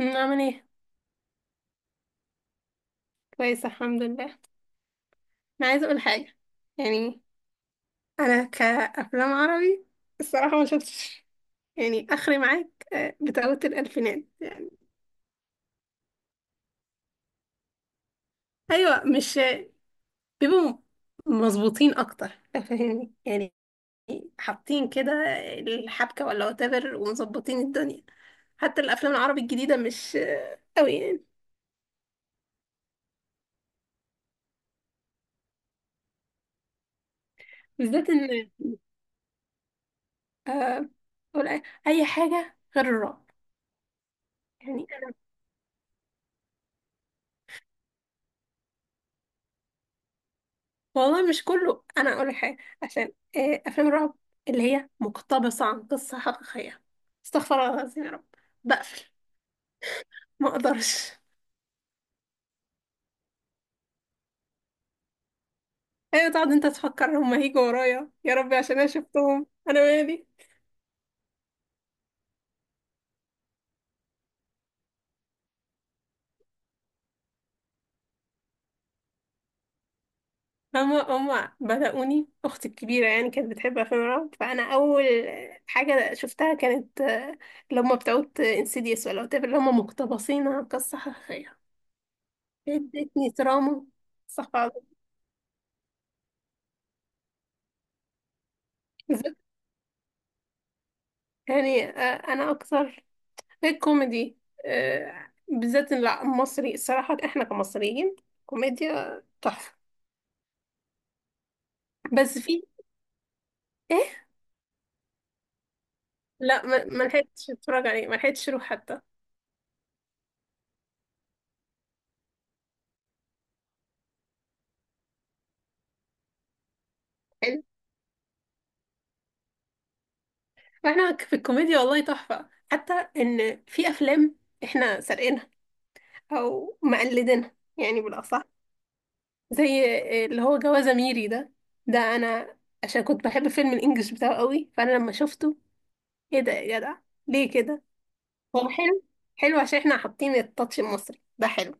عامل ايه؟ كويسه، الحمد لله. انا عايزه اقول حاجه، يعني انا كافلام عربي الصراحه ما شفتش، يعني اخري معاك، بتاعه الالفينات يعني. ايوه مش بيبقوا مظبوطين اكتر، فاهمني؟ يعني حاطين كده الحبكه ولا whatever ومظبطين الدنيا. حتى الافلام العربي الجديده مش قوي يعني، بالذات ان آه، ولا أي حاجه غير الرعب يعني. والله مش كله، انا اقول لك حاجه عشان افلام الرعب اللي هي مقتبسه عن قصه حقيقيه، استغفر الله العظيم يا رب. بقفل، ما اقدرش. ايوه، تقعد انت تفكر هما هيجوا ورايا، يا ربي عشان انا شفتهم انا مالي. هما بدأوني اختي الكبيره، يعني كانت بتحب افلام الرعب، فانا اول حاجه شفتها كانت اللي هما بتوع انسيديوس ولا whatever، اللي هما مقتبسين عن قصه حقيقيه. ادتني تراما. استغفر الله. يعني انا اكثر الكوميدي، بالذات إن لا، مصري الصراحة، احنا كمصريين كوميديا تحفة. بس في ايه؟ لا، ما لحقتش اتفرج عليه، ما لحقتش اروح حتى. حلو. احنا في الكوميديا والله تحفة، حتى ان في افلام احنا سارقينها او مقلدينها يعني بالاصح. زي اللي هو جوازة ميري ده، ده انا عشان كنت بحب فيلم الانجليش بتاعه قوي، فانا لما شفته، ايه ده يا جدع؟ ليه كده؟ هو حلو، حلو عشان احنا حاطين التاتش المصري، ده حلو.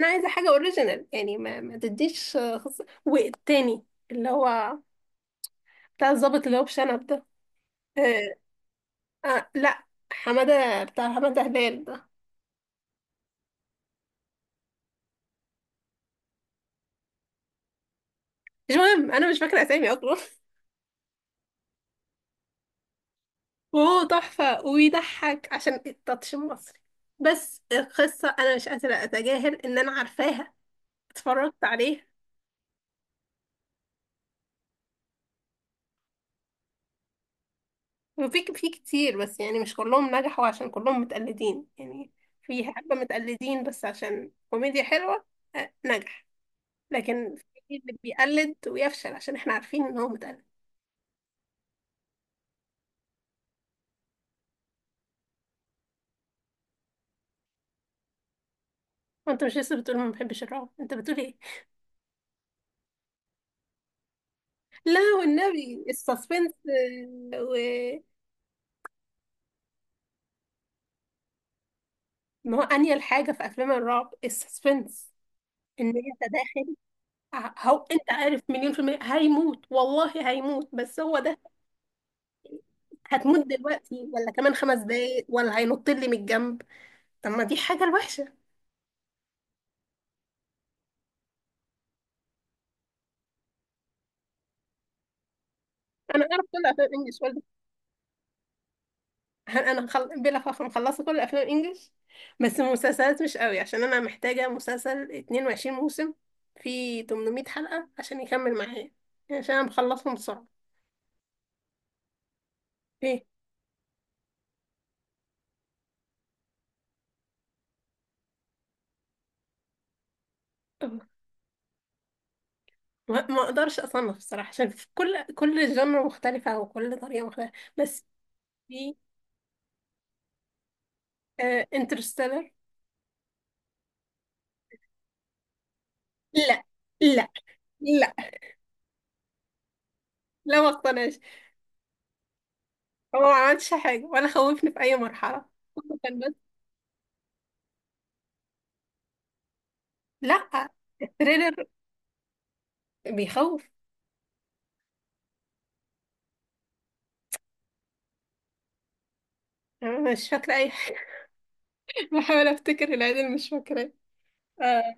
انا عايزه حاجه اوريجينال، يعني ما تديش خص... والتاني اللي هو بتاع الظابط اللي هو بشنب ده. آه. آه. لا، حماده بتاع حماده هلال ده. مش مهم، انا مش فاكره اسامي اصلا وهو تحفه وبيضحك عشان التاتش المصري، بس القصه انا مش قادره اتجاهل ان انا عارفاها، اتفرجت عليها. وفي كتير، بس يعني مش كلهم نجحوا عشان كلهم متقلدين يعني. في حبه متقلدين بس عشان كوميديا حلوه، نجح. لكن في اللي بيقلد ويفشل عشان احنا عارفين ان هو متقلد. وانت مش لسه بتقول ما بحبش الرعب؟ انت بتقول ايه؟ لا والنبي السسبنس، آه، و ما هو انيل حاجه في افلام الرعب السسبنس، ان انت داخل، هو انت عارف مليون في المية هيموت، والله هيموت، بس هو ده. هتموت دلوقتي ولا كمان خمس دقايق ولا هينط لي من الجنب؟ طب ما دي حاجه الوحشه. انا اعرف كل افلام انجلش هل انا بلا فخر مخلصه كل الافلام الانجليش. بس المسلسلات مش قوي عشان انا محتاجه مسلسل 22 موسم، فيه 800 حلقه عشان يكمل معايا، يعني عشان انا مخلصهم بسرعه. ايه؟ أه. ما اقدرش اصنف الصراحه عشان في كل جنر مختلفه وكل طريقه مختلفه. بس في انترستيلر. لا، لا، لا، لا، ما اقتنعش. هو ما عملش حاجه ولا خوفني في اي مرحله كله كان بس. لا. التريلر بيخوف. أنا مش فاكره اي، بحاول افتكر العيد اللي مش فاكراه. آه،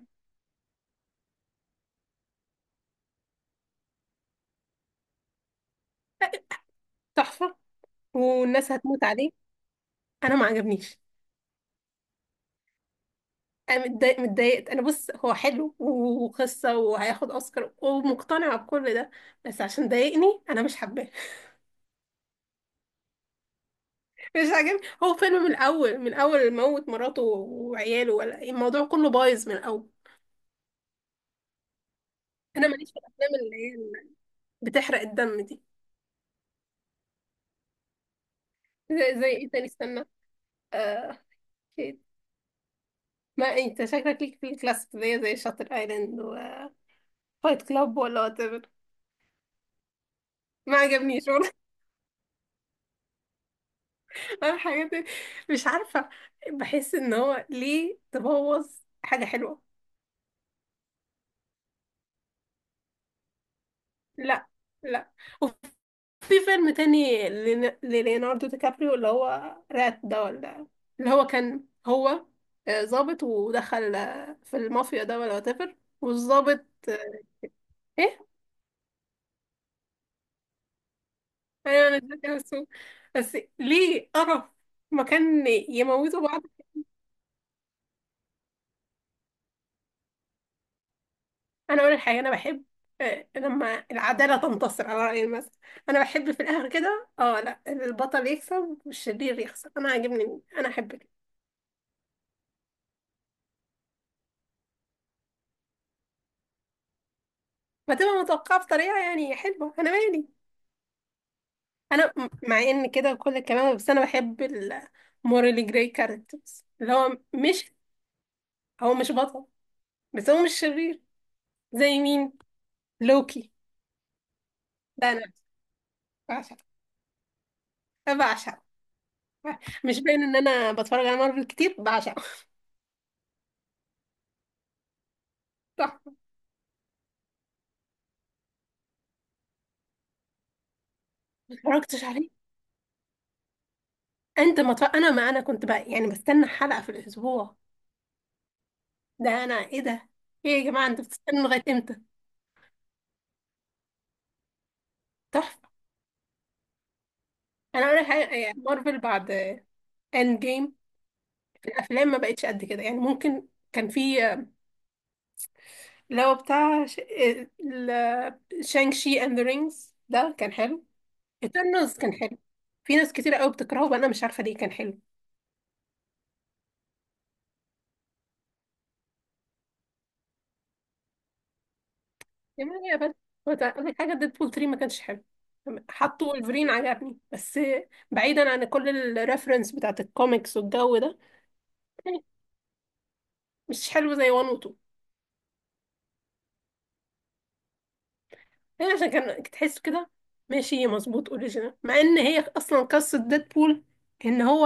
تحفة، والناس هتموت عليه. انا ما عجبنيش. انا متضايقت، انا بص، هو حلو وقصة وهياخد اوسكار ومقتنعة بكل ده، بس عشان ضايقني انا مش حباه مش عاجبني، هو فيلم من الاول، من اول موت مراته وعياله، ولا الموضوع كله بايظ من الاول. انا ماليش في الافلام اللي هي بتحرق الدم دي. زي ايه تاني؟ استنى، آه ما انت شكلك ليك في الكلاسيك زي شاتر ايلاند وفايت كلاب ولا وات. ما عجبنيش والله انا حاجات مش عارفه، بحس ان هو ليه تبوظ حاجه حلوه. لا، لا. وفي فيلم تاني لليوناردو دي كابريو، اللي هو رات ده، ولا اللي هو كان هو ظابط، ودخل في المافيا ده ولا whatever، والظابط ايه؟ ايوه، انا مش فاكرة اسمه. بس ليه قرف؟ مكان يموتوا بعض. انا اقول الحقيقه انا بحب لما العداله تنتصر، على راي المثل. انا بحب في الاخر كده، اه، لا، البطل يكسب والشرير يخسر، انا عاجبني، انا احب كده. فتبقى متوقعه بطريقه يعني حلوه، انا مالي. انا مع ان كده كل الكلام، بس انا بحب المورالي جراي كاركترز، اللي هو مش بطل بس هو مش شرير. زي مين؟ لوكي. ده انا بعشقه، بعشقه. مش باين ان انا بتفرج على مارفل كتير؟ بعشقه صح. ما اتفرجتش عليه. انت ما مطلع... انا ما انا كنت بقى يعني بستنى حلقة في الاسبوع. ده انا، ايه ده؟ ايه يا جماعة، انتوا بتستنوا لغاية امتى؟ تحفة. انا اقول لك حاجة، يعني مارفل بعد اند جيم، في الافلام ما بقتش قد كده، يعني ممكن كان في اللي هو بتاع شانك شي اند ذا رينجز ده، كان حلو. ايترنالز كان حلو، في ناس كتير قوي بتكرهه وانا مش عارفة ليه، كان حلو. يا مان يا بنت، هو أقول لك حاجة، ديدبول 3 ما كانش حلو. حطوا ولفرين عجبني، بس بعيدا عن كل الريفرنس بتاعت الكوميكس والجو ده يعني، مش حلو زي 1 و 2. هي عشان كان تحس كده ماشي مظبوط اوريجينال، مع ان هي اصلا قصة ديدبول، ان هو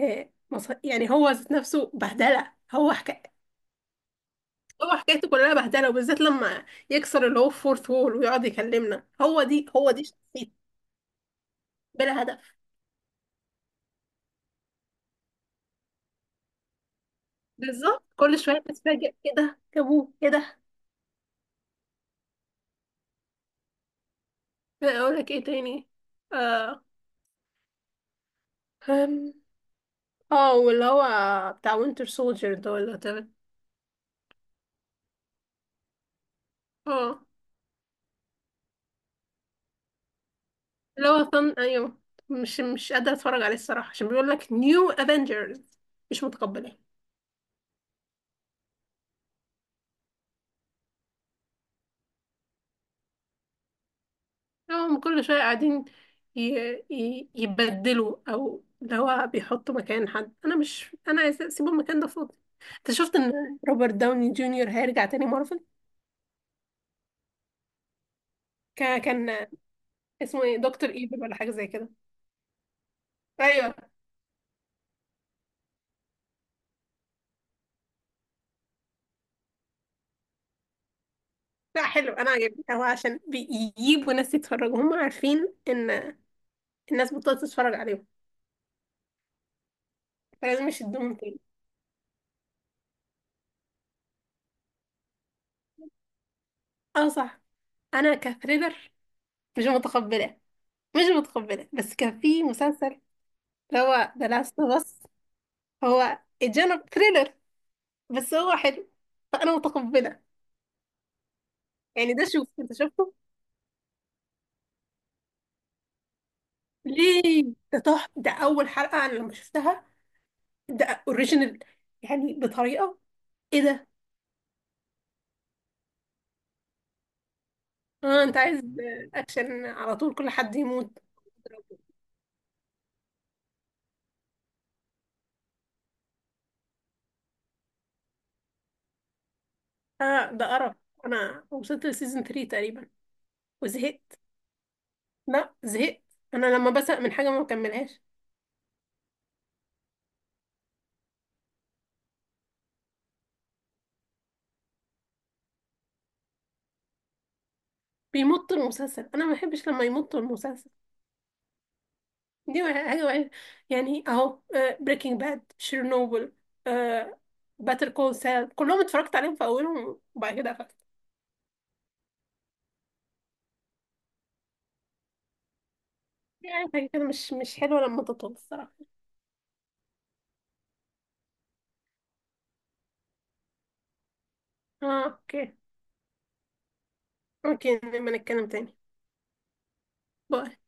يعني هو ذات نفسه بهدلة، هو هو حكايته كلها بهدلة، وبالذات لما يكسر اللي هو فورث وول ويقعد يكلمنا، هو دي شخصيته، بلا هدف. بالظبط، كل شوية تتفاجئ ايه ده جابوه، ايه ده. اقول لك ايه تاني؟ اه. أم. اه، واللي هو بتاع وينتر سولجر ده، ولا تمام؟ اه، اللي هو فن، ايوه. مش قادرة اتفرج عليه الصراحة عشان بيقول لك نيو افنجرز، مش متقبلاه. هم كل شوية قاعدين ي... يبدلوا، او اللي هو بيحطوا مكان حد، انا مش انا عايزة اسيب المكان ده فاضي. انت شفت ان روبرت داوني جونيور هيرجع تاني مارفل؟ كان اسمه ايه؟ دكتور ايفل ولا حاجه زي كده. ايوه. لا، حلو، انا عجبني، هو عشان بيجيبوا ناس يتفرجوا، هم عارفين ان الناس بطلت تتفرج عليهم، فلازم يشدوهم تاني. اه، صح. انا كثريلر مش متقبله، مش متقبله، بس كان في مسلسل اللي هو ذا لاست اوف اس. هو الجانب ثريلر بس هو حلو، فانا متقبله، يعني ده، شوف انت شفته؟ ليه؟ ده تحفه، ده اول حلقه انا لما شفتها، ده اوريجينال يعني بطريقه. ايه ده؟ اه انت عايز اكشن على طول، كل حد يموت. اه ده قرف. انا وصلت لسيزون 3 تقريبا وزهقت. لا زهقت، انا لما بزهق من حاجه ما بكملهاش. بيمط المسلسل، انا ما بحبش لما يمط المسلسل، دي حاجه وحشة. يعني اهو، بريكنج باد، شيرنوبل، باتر كول سال، كلهم اتفرجت عليهم في اولهم وبعد كده قفلت. يعني حاجه كده مش حلوه لما تطول الصراحه. اه اوكي. اوكي، نبقى نتكلم تاني. باي.